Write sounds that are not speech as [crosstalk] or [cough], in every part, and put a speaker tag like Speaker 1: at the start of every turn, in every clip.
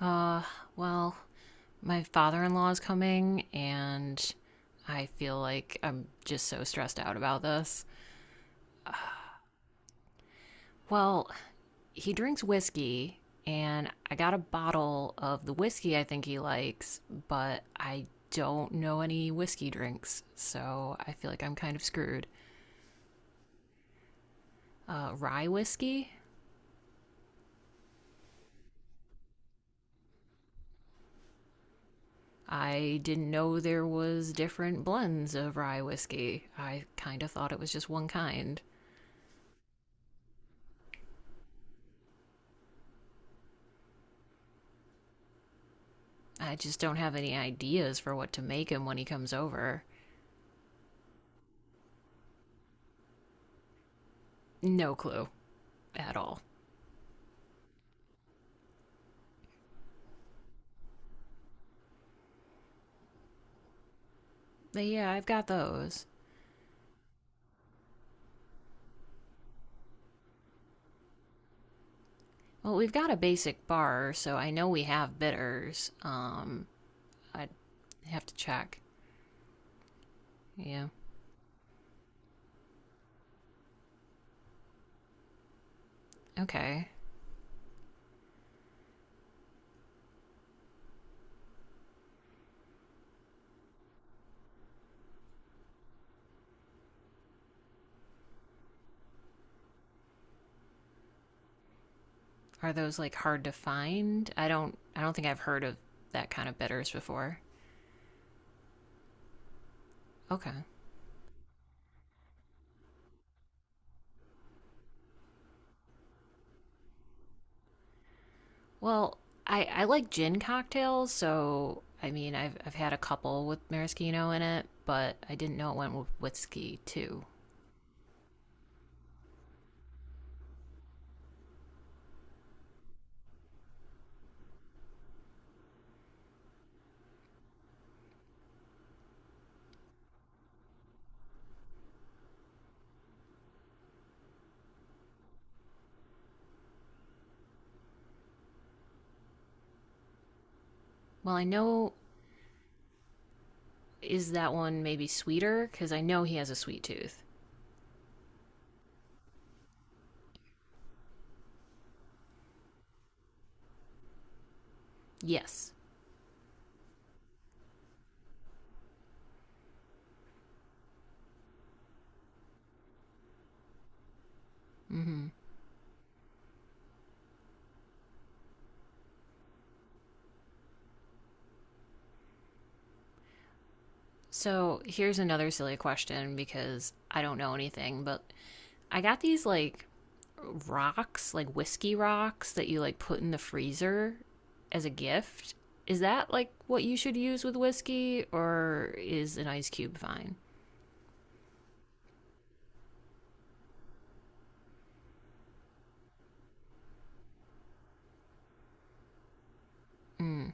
Speaker 1: Uh, well, my father in law is coming, and I feel like I'm just so stressed out about this. Well, he drinks whiskey, and I got a bottle of the whiskey I think he likes, but I don't know any whiskey drinks, so I feel like I'm kind of screwed. Rye whiskey? I didn't know there was different blends of rye whiskey. I kind of thought it was just one kind. I just don't have any ideas for what to make him when he comes over. No clue at all. But yeah, I've got those. Well, we've got a basic bar, so I know we have bitters. I have to check. Yeah. Okay. Are those like hard to find? I don't think I've heard of that kind of bitters before. Okay. Well, I like gin cocktails, so I mean, I've had a couple with maraschino in it, but I didn't know it went with whiskey too. Well, I know, is that one maybe sweeter because I know he has a sweet tooth. Yes. Mm-hmm. So here's another silly question because I don't know anything, but I got these like rocks, like whiskey rocks that you like put in the freezer as a gift. Is that like what you should use with whiskey, or is an ice cube fine? Mm.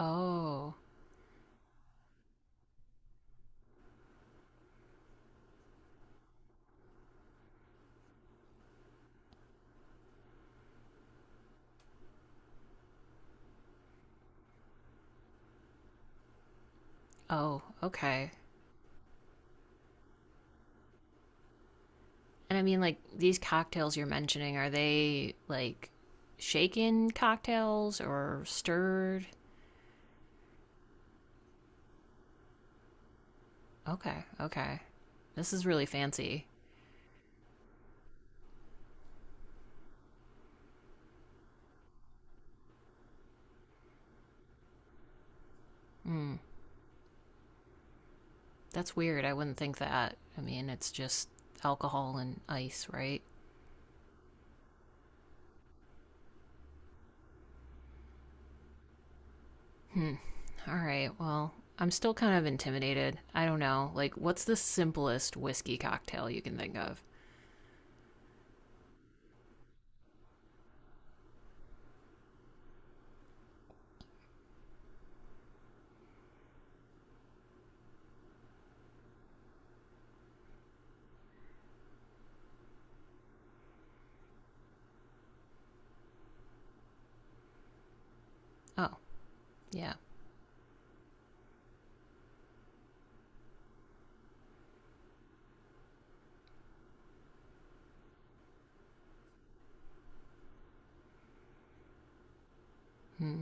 Speaker 1: Oh, oh, okay. And I mean, like these cocktails you're mentioning, are they like shaken cocktails or stirred? Okay, okay. This is really fancy. Mm, that's weird. I wouldn't think that. I mean, it's just alcohol and ice, right? Hmm. All right. Well, I'm still kind of intimidated. I don't know. Like, what's the simplest whiskey cocktail you can think of? Oh, yeah. Hmm.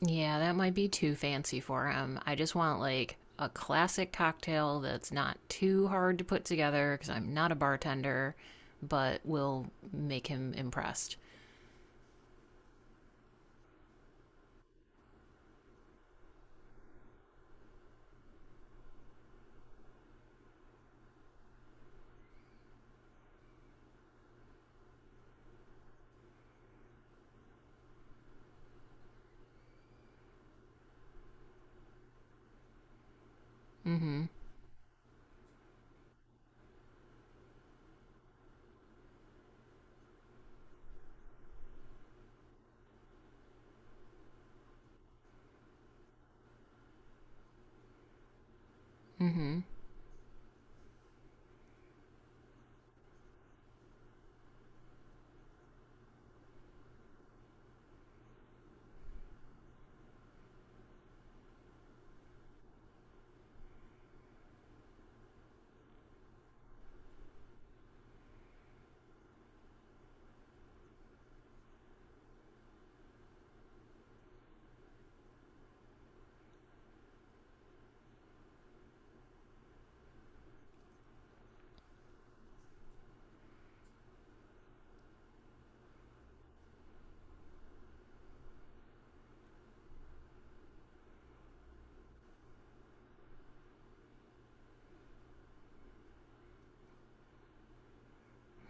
Speaker 1: Yeah, that might be too fancy for him. I just want like a classic cocktail that's not too hard to put together because I'm not a bartender, but will make him impressed. Mm-hmm. Mm-hmm.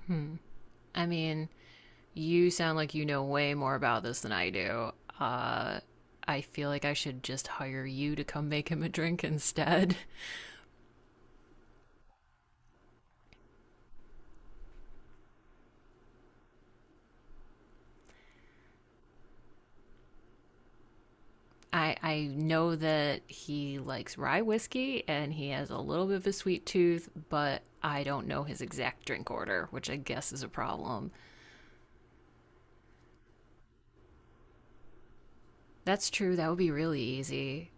Speaker 1: Hmm. I mean, you sound like you know way more about this than I do. Uh, I feel like I should just hire you to come make him a drink instead. [laughs] I know that he likes rye whiskey and he has a little bit of a sweet tooth, but I don't know his exact drink order, which I guess is a problem. That's true. That would be really easy.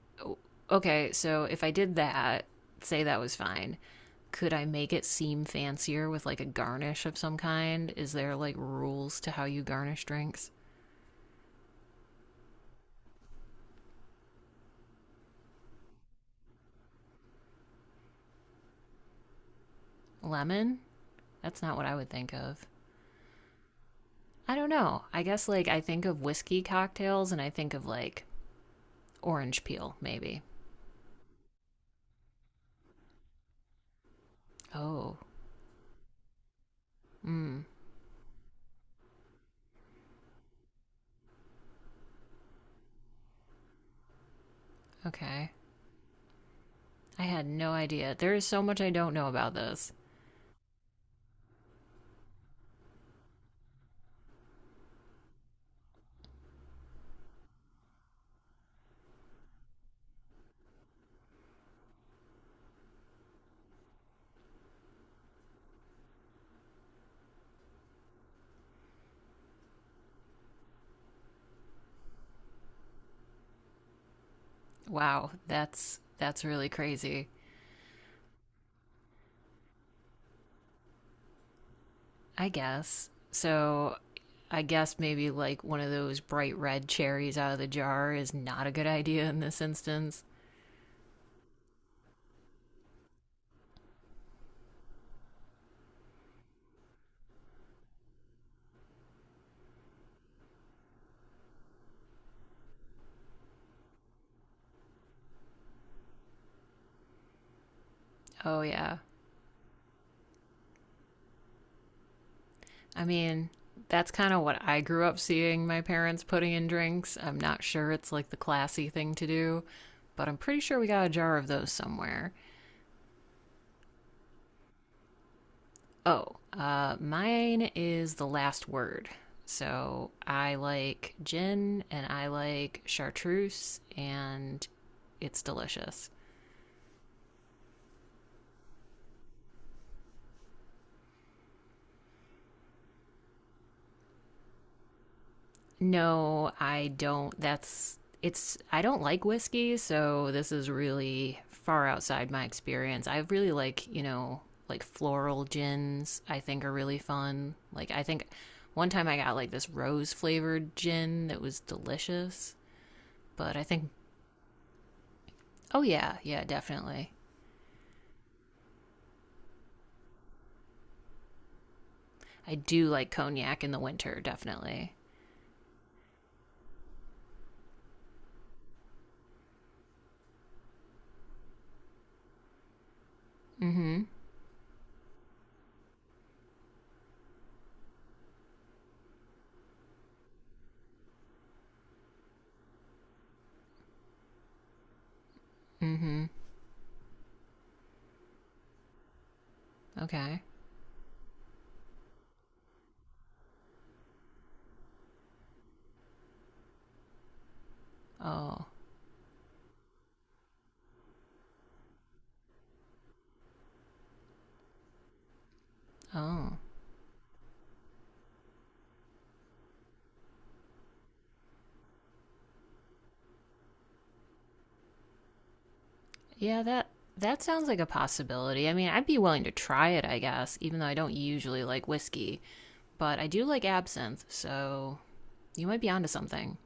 Speaker 1: Okay, so if I did that, say that was fine. Could I make it seem fancier with like a garnish of some kind? Is there like rules to how you garnish drinks? Lemon? That's not what I would think of. I don't know. I guess like I think of whiskey cocktails and I think of like orange peel, maybe. Oh, mm, okay. I had no idea. There is so much I don't know about this. Wow, that's really crazy. I guess. So I guess maybe like one of those bright red cherries out of the jar is not a good idea in this instance. Oh yeah. I mean, that's kind of what I grew up seeing my parents putting in drinks. I'm not sure it's like the classy thing to do, but I'm pretty sure we got a jar of those somewhere. Oh, mine is the last word. So I like gin and I like chartreuse and it's delicious. No, I don't. That's it's I don't like whiskey, so this is really far outside my experience. I really like, you know, like floral gins, I think are really fun. Like I think one time I got like this rose flavored gin that was delicious, but I think oh yeah, yeah, definitely. I do like cognac in the winter, definitely. Mm-hmm. Mm-hmm. Okay. Oh. Oh. Yeah, that sounds like a possibility. I mean, I'd be willing to try it, I guess, even though I don't usually like whiskey. But I do like absinthe, so you might be onto something.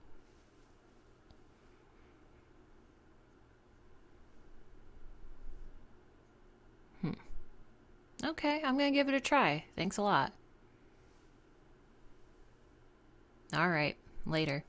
Speaker 1: Hmm. Okay, I'm gonna give it a try. Thanks a lot. All right. Later.